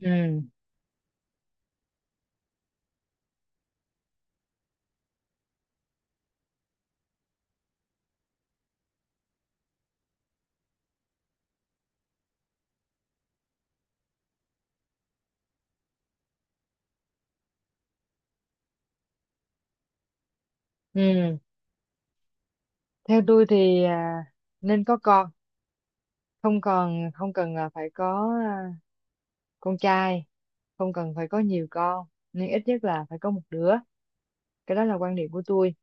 Ừ, ừ. Theo tôi thì nên có con, không cần là phải có con trai, không cần phải có nhiều con, nhưng ít nhất là phải có một đứa. Cái đó là quan điểm của tôi.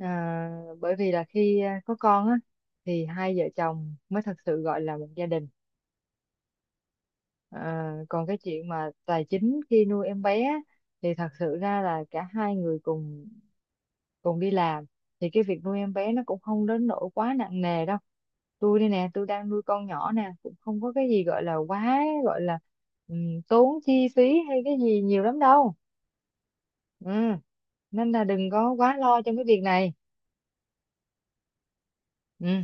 à, Bởi vì là khi có con á, thì hai vợ chồng mới thật sự gọi là một gia đình. Còn cái chuyện mà tài chính khi nuôi em bé á, thì thật sự ra là cả hai người cùng còn đi làm, thì cái việc nuôi em bé nó cũng không đến nỗi quá nặng nề đâu. Tôi đây nè, tôi đang nuôi con nhỏ nè, cũng không có cái gì gọi là quá, gọi là tốn chi phí hay cái gì nhiều lắm đâu. Ừ. Nên là đừng có quá lo trong cái việc này. Ừ.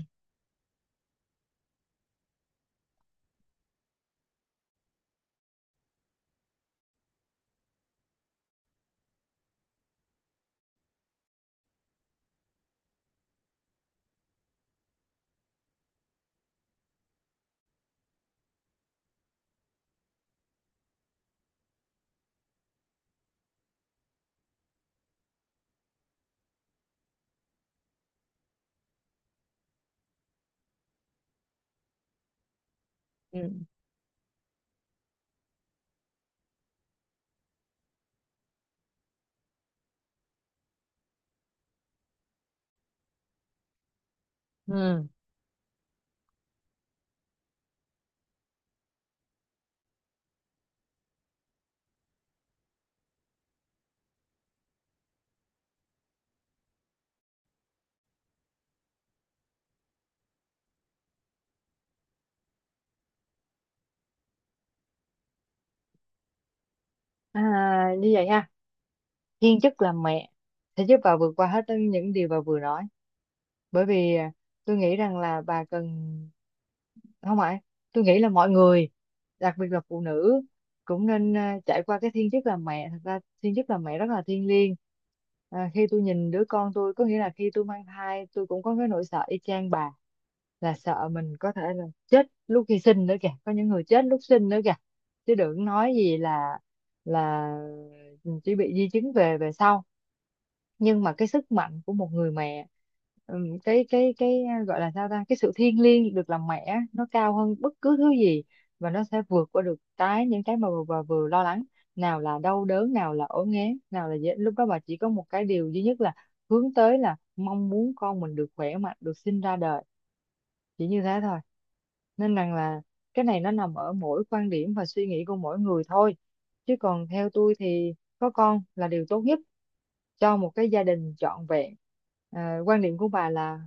Ừ. Ừ. À, như vậy ha. Thiên chức làm mẹ sẽ giúp bà vượt qua hết những điều bà vừa nói. Bởi vì tôi nghĩ rằng là bà cần, không ạ, tôi nghĩ là mọi người, đặc biệt là phụ nữ, cũng nên trải qua cái thiên chức làm mẹ. Thật ra thiên chức làm mẹ rất là thiêng liêng. Khi tôi nhìn đứa con tôi, có nghĩa là khi tôi mang thai, tôi cũng có cái nỗi sợ y chang bà, là sợ mình có thể là chết lúc khi sinh nữa kìa, có những người chết lúc sinh nữa kìa, chứ đừng nói gì là chỉ bị di chứng về về sau. Nhưng mà cái sức mạnh của một người mẹ, cái gọi là sao ta, cái sự thiêng liêng được làm mẹ á, nó cao hơn bất cứ thứ gì. Và nó sẽ vượt qua được những cái mà bà vừa lo lắng, nào là đau đớn, nào là ốm nghén, nào là dễ. Lúc đó bà chỉ có một cái điều duy nhất là hướng tới, là mong muốn con mình được khỏe mạnh, được sinh ra đời, chỉ như thế thôi. Nên rằng là cái này nó nằm ở mỗi quan điểm và suy nghĩ của mỗi người thôi. Chứ còn theo tôi thì có con là điều tốt nhất cho một cái gia đình trọn vẹn. Quan điểm của bà là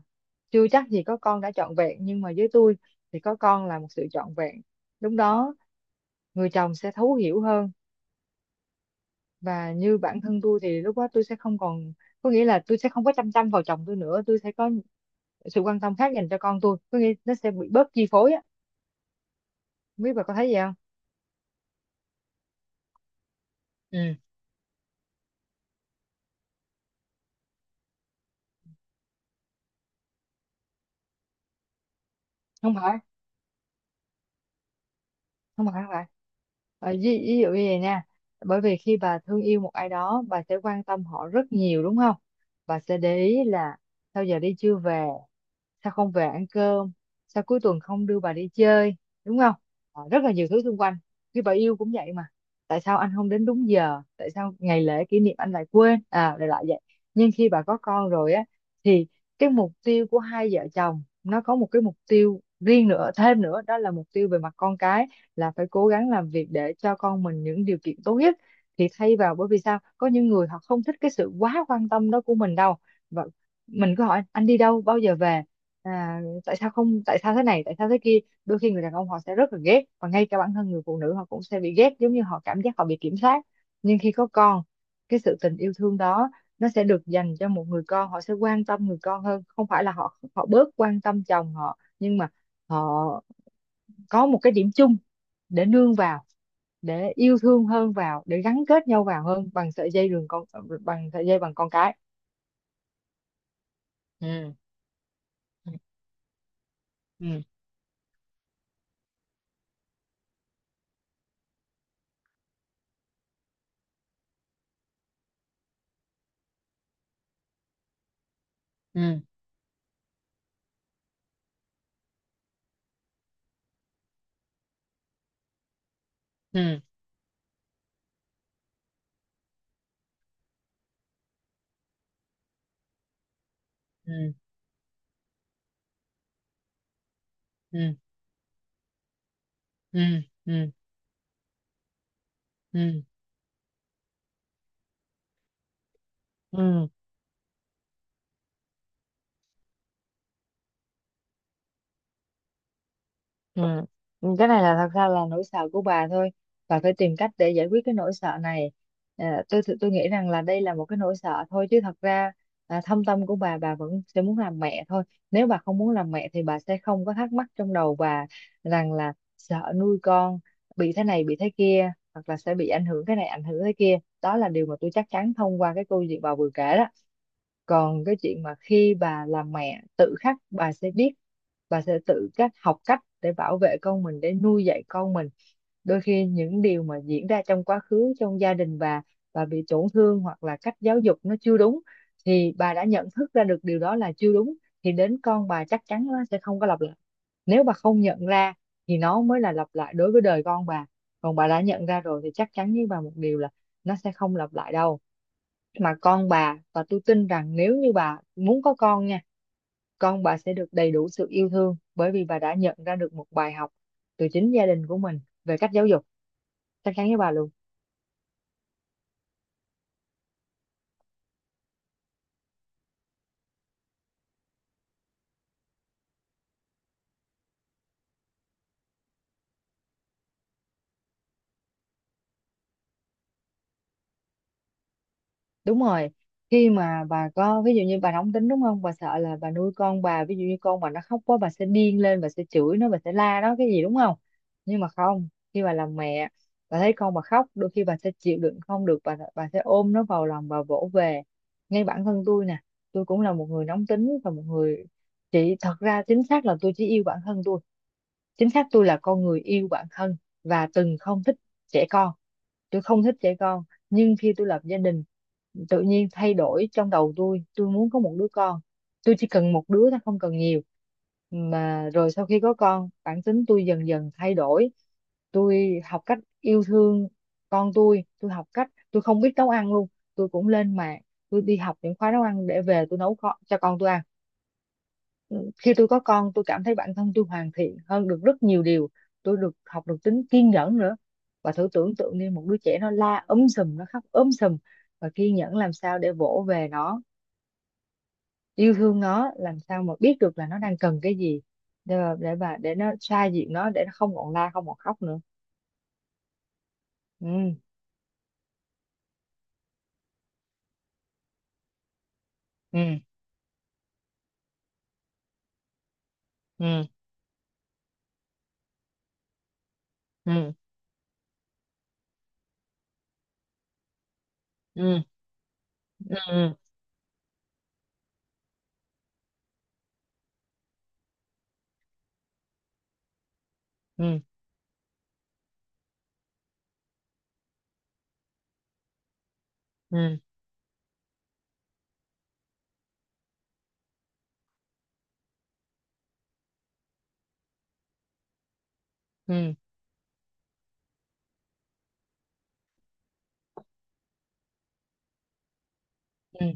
chưa chắc gì có con đã trọn vẹn, nhưng mà với tôi thì có con là một sự trọn vẹn. Lúc đó người chồng sẽ thấu hiểu hơn. Và như bản thân tôi thì lúc đó tôi sẽ không còn, có nghĩa là tôi sẽ không có chăm chăm vào chồng tôi nữa, tôi sẽ có sự quan tâm khác dành cho con tôi, có nghĩa nó sẽ bị bớt chi phối á. Không biết bà có thấy gì không? Ừ. Không phải, không phải, không phải. Ờ, ví dụ như vậy nha. Bởi vì khi bà thương yêu một ai đó, bà sẽ quan tâm họ rất nhiều, đúng không? Bà sẽ để ý là sao giờ đi chưa về, sao không về ăn cơm, sao cuối tuần không đưa bà đi chơi, đúng không? Ờ, rất là nhiều thứ xung quanh. Khi bà yêu cũng vậy mà, tại sao anh không đến đúng giờ, tại sao ngày lễ kỷ niệm anh lại quên à, lại lại vậy. Nhưng khi bà có con rồi á, thì cái mục tiêu của hai vợ chồng nó có một cái mục tiêu riêng nữa thêm nữa, đó là mục tiêu về mặt con cái, là phải cố gắng làm việc để cho con mình những điều kiện tốt nhất. Thì thay vào, bởi vì sao có những người họ không thích cái sự quá quan tâm đó của mình đâu, và mình cứ hỏi anh đi đâu bao giờ về tại sao không, tại sao thế này, tại sao thế kia. Đôi khi người đàn ông họ sẽ rất là ghét, và ngay cả bản thân người phụ nữ họ cũng sẽ bị ghét, giống như họ cảm giác họ bị kiểm soát. Nhưng khi có con, cái sự tình yêu thương đó nó sẽ được dành cho một người con, họ sẽ quan tâm người con hơn, không phải là họ họ bớt quan tâm chồng họ, nhưng mà họ có một cái điểm chung để nương vào, để yêu thương hơn vào, để gắn kết nhau vào hơn bằng sợi dây đường con, bằng sợi dây bằng con cái. Ừ, ừ, ừ, ừ, ừ, ừ, ừ, ừ, ừ, ừ, ừ. Ừ. Cái này là thật ra là nỗi sợ của bà thôi, bà phải tìm cách để giải quyết cái nỗi sợ này. Tôi nghĩ rằng là đây là một cái nỗi sợ thôi, chứ thật ra thâm tâm của bà vẫn sẽ muốn làm mẹ thôi. Nếu bà không muốn làm mẹ thì bà sẽ không có thắc mắc trong đầu bà rằng là sợ nuôi con bị thế này bị thế kia, hoặc là sẽ bị ảnh hưởng cái này, ảnh hưởng thế kia. Đó là điều mà tôi chắc chắn thông qua cái câu chuyện bà vừa kể đó. Còn cái chuyện mà khi bà là mẹ tự khắc bà sẽ biết, bà sẽ tự cách học cách để bảo vệ con mình, để nuôi dạy con mình. Đôi khi những điều mà diễn ra trong quá khứ, trong gia đình bà bị tổn thương, hoặc là cách giáo dục nó chưa đúng, thì bà đã nhận thức ra được điều đó là chưa đúng, thì đến con bà chắc chắn nó sẽ không có lặp lại. Nếu bà không nhận ra thì nó mới là lặp lại đối với đời con bà. Còn bà đã nhận ra rồi thì chắc chắn với bà một điều là nó sẽ không lặp lại đâu. Mà con bà, và tôi tin rằng nếu như bà muốn có con nha, con bà sẽ được đầy đủ sự yêu thương, bởi vì bà đã nhận ra được một bài học từ chính gia đình của mình về cách giáo dục. Chắc chắn với bà luôn. Đúng rồi. Khi mà bà có, ví dụ như bà nóng tính, đúng không, bà sợ là bà nuôi con bà, ví dụ như con bà nó khóc quá bà sẽ điên lên, bà sẽ chửi nó, bà sẽ la nó cái gì, đúng không? Nhưng mà không. Khi bà làm mẹ, bà thấy con bà khóc, đôi khi bà sẽ chịu đựng không được, bà sẽ ôm nó vào lòng, bà vỗ về. Ngay bản thân tôi nè, tôi cũng là một người nóng tính, và một người chỉ, thật ra chính xác là tôi chỉ yêu bản thân tôi, chính xác tôi là con người yêu bản thân. Và từng không thích trẻ con, tôi không thích trẻ con. Nhưng khi tôi lập gia đình, tự nhiên thay đổi trong đầu tôi muốn có một đứa con. Tôi chỉ cần một đứa thôi, không cần nhiều. Mà rồi sau khi có con, bản tính tôi dần dần thay đổi. Tôi học cách yêu thương con tôi học cách, tôi không biết nấu ăn luôn, tôi cũng lên mạng, tôi đi học những khóa nấu ăn để về tôi nấu cho con tôi ăn. Khi tôi có con, tôi cảm thấy bản thân tôi hoàn thiện hơn được rất nhiều điều. Tôi được học, được tính kiên nhẫn nữa. Và thử tưởng tượng đi, một đứa trẻ nó la ấm sùm, nó khóc ấm sùm, và kiên nhẫn làm sao để vỗ về nó, yêu thương nó, làm sao mà biết được là nó đang cần cái gì, để mà để nó xoa dịu nó, để nó không còn la, không còn khóc nữa. Ừ, ừ, ừ, ừ, ừ, ừ, ừ, ừ, ừ, ừ, ừ, ừ, ừ.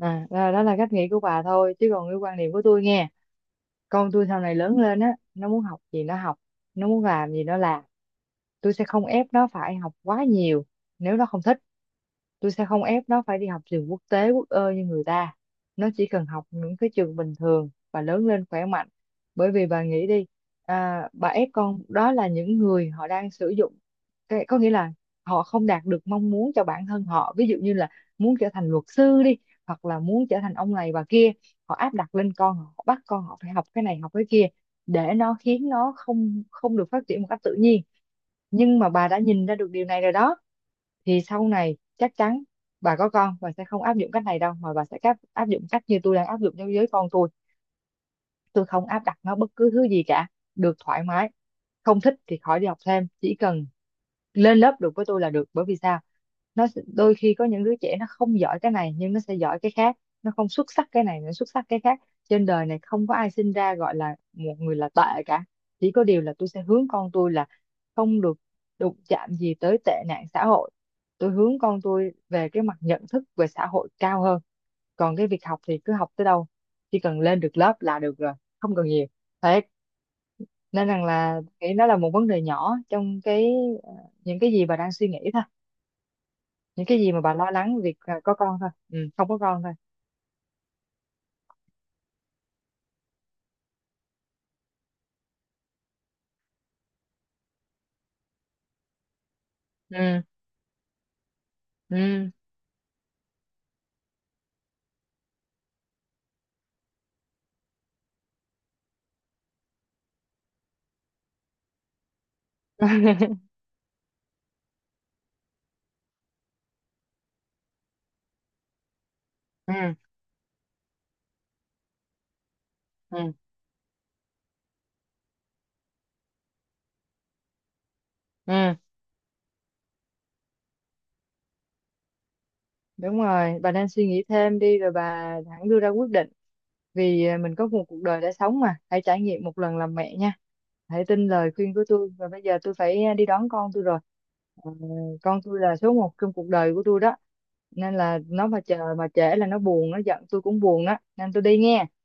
Đó, đó là cách nghĩ của bà thôi. Chứ còn cái quan điểm của tôi nghe, con tôi sau này lớn lên á, nó muốn học gì nó học, nó muốn làm gì nó làm. Tôi sẽ không ép nó phải học quá nhiều, nếu nó không thích. Tôi sẽ không ép nó phải đi học trường quốc tế quốc ơ như người ta. Nó chỉ cần học những cái trường bình thường và lớn lên khỏe mạnh. Bởi vì bà nghĩ đi, bà ép con, đó là những người họ đang sử dụng cái, có nghĩa là họ không đạt được mong muốn cho bản thân họ, ví dụ như là muốn trở thành luật sư đi, hoặc là muốn trở thành ông này bà kia, họ áp đặt lên con họ, bắt con họ phải học cái này học cái kia, để nó khiến nó không không được phát triển một cách tự nhiên. Nhưng mà bà đã nhìn ra được điều này rồi đó, thì sau này chắc chắn bà có con bà sẽ không áp dụng cách này đâu, mà bà sẽ áp áp dụng cách như tôi đang áp dụng đối với con tôi. Tôi không áp đặt nó bất cứ thứ gì cả, được thoải mái, không thích thì khỏi đi học thêm, chỉ cần lên lớp được với tôi là được. Bởi vì sao, đôi khi có những đứa trẻ nó không giỏi cái này nhưng nó sẽ giỏi cái khác, nó không xuất sắc cái này nó xuất sắc cái khác. Trên đời này không có ai sinh ra gọi là một người là tệ cả. Chỉ có điều là tôi sẽ hướng con tôi là không được đụng chạm gì tới tệ nạn xã hội, tôi hướng con tôi về cái mặt nhận thức về xã hội cao hơn. Còn cái việc học thì cứ học tới đâu, chỉ cần lên được lớp là được rồi, không cần nhiều. Thế nên rằng là nghĩ nó là một vấn đề nhỏ trong cái, ờ, những cái gì bà đang suy nghĩ thôi, những cái gì mà bà lo lắng việc có con thôi, không có con thôi. Ừ, ừ, ừ, ừ, ừ. Đúng rồi, bà nên suy nghĩ thêm đi rồi bà hẳn đưa ra quyết định. Vì mình có một cuộc đời đã sống, mà hãy trải nghiệm một lần làm mẹ nha. Hãy tin lời khuyên của tôi, và bây giờ tôi phải đi đón con tôi rồi. Ờ, con tôi là số một trong cuộc đời của tôi đó, nên là nó mà chờ mà trễ là nó buồn nó giận, tôi cũng buồn đó nên tôi đi nghe.